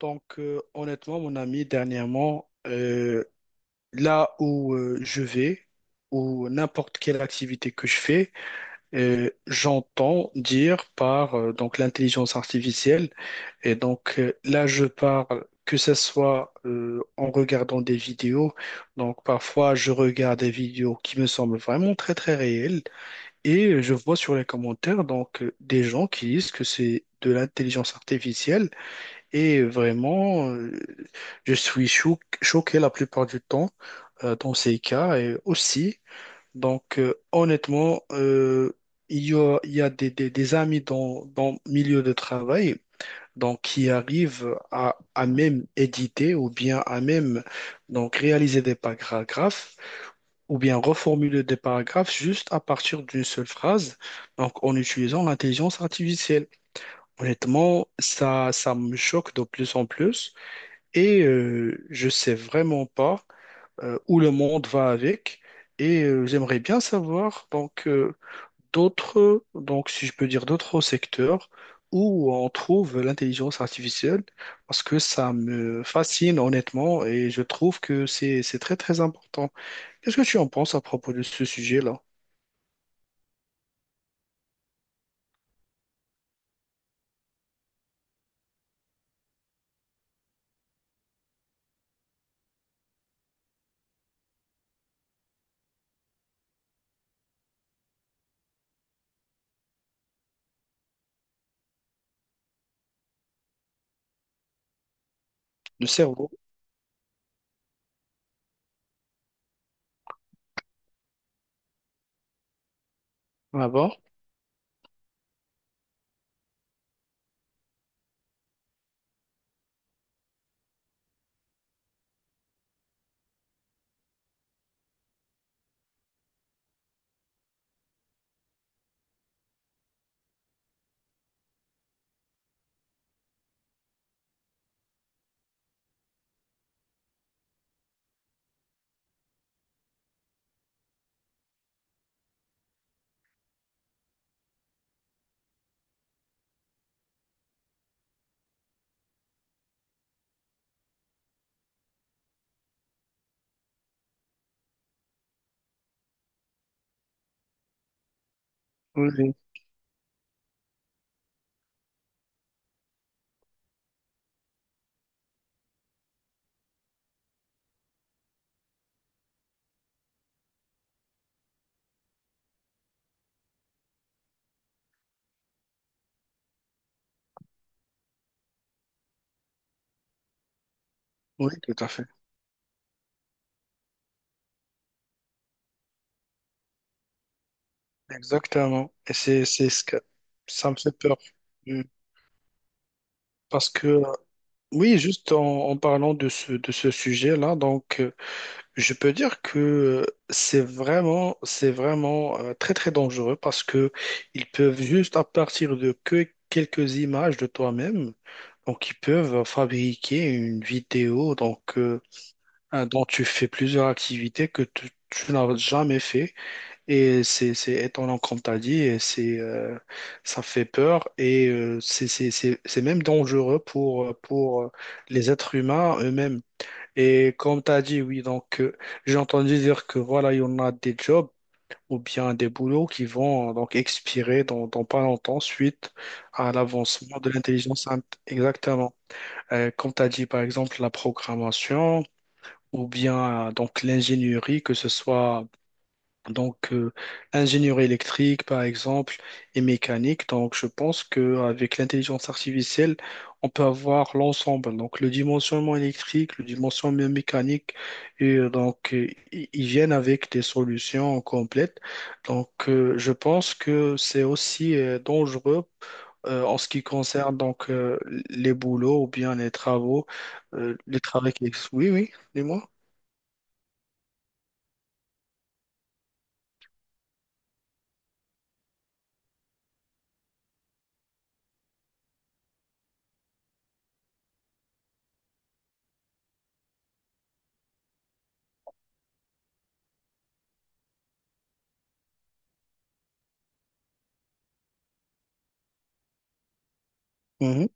Honnêtement, mon ami, dernièrement, là où je vais, ou n'importe quelle activité que je fais, j'entends dire par donc l'intelligence artificielle. Et là, je parle que ce soit en regardant des vidéos. Donc parfois, je regarde des vidéos qui me semblent vraiment très très réelles, et je vois sur les commentaires des gens qui disent que c'est de l'intelligence artificielle et vraiment, je suis choqué la plupart du temps dans ces cas et aussi. Honnêtement, il y a des amis dans le milieu de travail donc, qui arrivent à même éditer ou bien à même donc, réaliser des paragraphes ou bien reformuler des paragraphes juste à partir d'une seule phrase, donc en utilisant l'intelligence artificielle. Honnêtement, ça me choque de plus en plus. Et je sais vraiment pas où le monde va avec. Et j'aimerais bien savoir d'autres, donc si je peux dire d'autres secteurs où on trouve l'intelligence artificielle, parce que ça me fascine honnêtement et je trouve que c'est très très important. Qu'est-ce que tu en penses à propos de ce sujet-là? Le cerveau, d'abord. Oui, oui, oui, tout à fait. Exactement. Et c'est ce que ça me fait peur. Mm. Parce que, oui, juste en parlant de ce sujet-là, je peux dire que c'est vraiment très, très dangereux parce que ils peuvent juste, à partir de que quelques images de toi-même, donc, ils peuvent fabriquer une vidéo, dont tu fais plusieurs activités que tu n'as jamais fait. Et c'est étonnant, comme tu as dit, et ça fait peur et c'est c'est même dangereux pour, les êtres humains eux-mêmes. Et comme tu as dit, oui, j'ai entendu dire que voilà, il y en a des jobs ou bien des boulots qui vont donc expirer dans pas longtemps suite à l'avancement de Exactement. Comme tu as dit, par exemple, la programmation ou bien donc l'ingénierie, que ce soit. Donc, euh, Ingénierie électrique, par exemple, et mécanique. Donc, je pense qu'avec l'intelligence artificielle, on peut avoir l'ensemble. Donc, le dimensionnement électrique, le dimensionnement mécanique, et ils viennent avec des solutions complètes. Je pense que c'est aussi dangereux en ce qui concerne les boulots ou bien les travaux qui existent. Oui, oui, dis-moi. Mhm.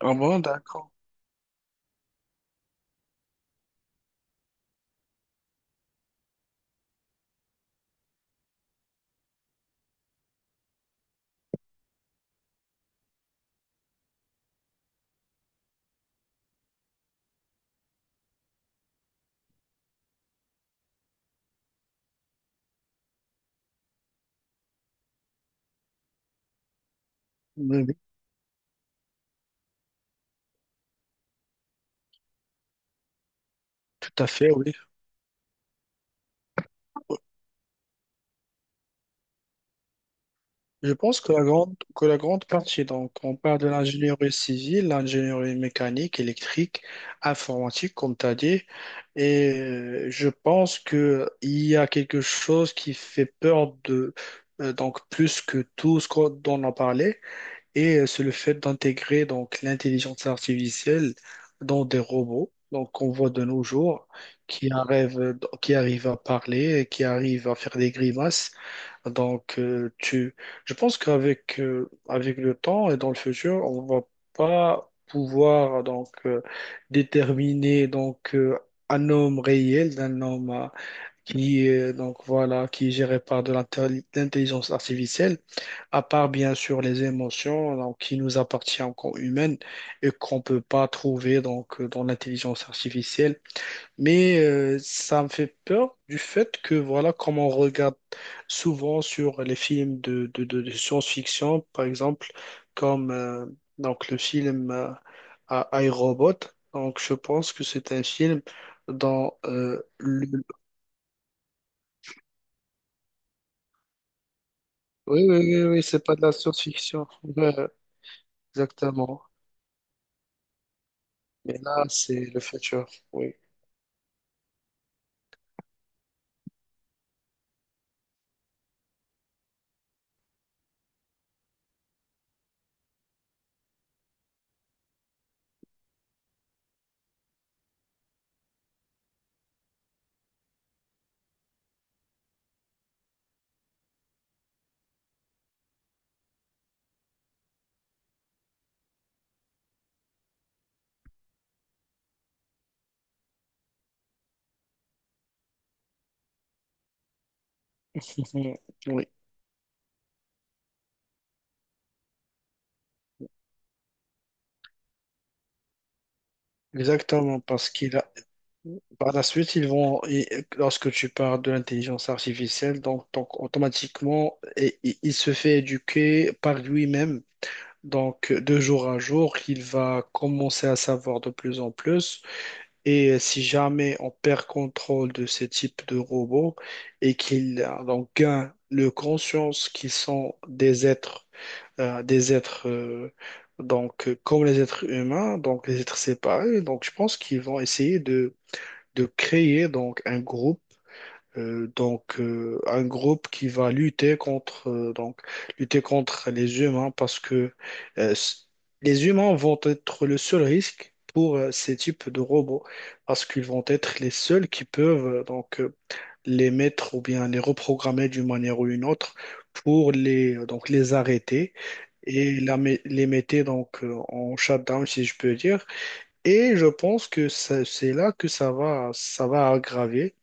Ah bon, d'accord. Oui, oui, tout à fait, oui. Je pense que que la grande partie, donc on parle de l'ingénierie civile, l'ingénierie mécanique, électrique, informatique, comme tu as dit, et je pense que il y a quelque chose qui fait peur de, donc plus que tout dont on a parlé, et c'est le fait d'intégrer donc l'intelligence artificielle dans des robots. Donc, on voit de nos jours qui arrivent à parler, qui arrivent à faire des grimaces. Donc, euh, tu, je pense qu'avec avec le temps et dans le futur, on va pas pouvoir déterminer un homme réel d'un homme qui est donc voilà qui est géré par de l'intelligence artificielle, à part bien sûr les émotions donc, qui nous appartiennent en humaines et qu'on peut pas trouver dans l'intelligence artificielle. Mais ça me fait peur du fait que, voilà, comme on regarde souvent sur les films de science-fiction, par exemple, comme donc le film à iRobot. Donc, je pense que c'est un film dans le... Oui, oui, oui, oui, c'est pas de la science-fiction. Ouais, exactement. Mais là, c'est le futur. Oui. Oui, exactement, parce qu'il a par la suite, ils vont, et lorsque tu parles de l'intelligence artificielle, donc automatiquement, il se fait éduquer par lui-même. Donc, de jour à jour, il va commencer à savoir de plus en plus. Et si jamais on perd contrôle de ces types de robots et qu'ils donc, gagnent le conscience qu'ils sont des êtres, euh, des êtres euh, comme les êtres humains, donc les êtres séparés, donc je pense qu'ils vont essayer de créer donc un groupe un groupe qui va lutter contre lutter contre les humains parce que euh, s- les humains vont être le seul risque pour ces types de robots parce qu'ils vont être les seuls qui peuvent les mettre ou bien les reprogrammer d'une manière ou une autre pour les les arrêter et les mettre en shutdown si je peux dire et je pense que c'est là que ça va aggraver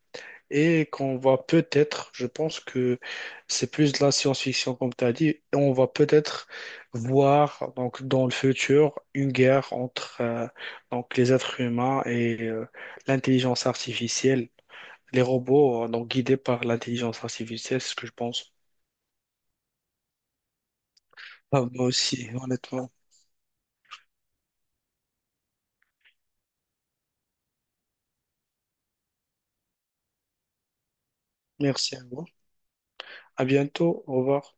et qu'on va peut-être, je pense que c'est plus de la science-fiction comme tu as dit, et on va peut-être voir donc dans le futur une guerre entre les êtres humains et l'intelligence artificielle, les robots donc guidés par l'intelligence artificielle, c'est ce que je pense. Ah, moi aussi, honnêtement. Merci à vous. À bientôt. Au revoir.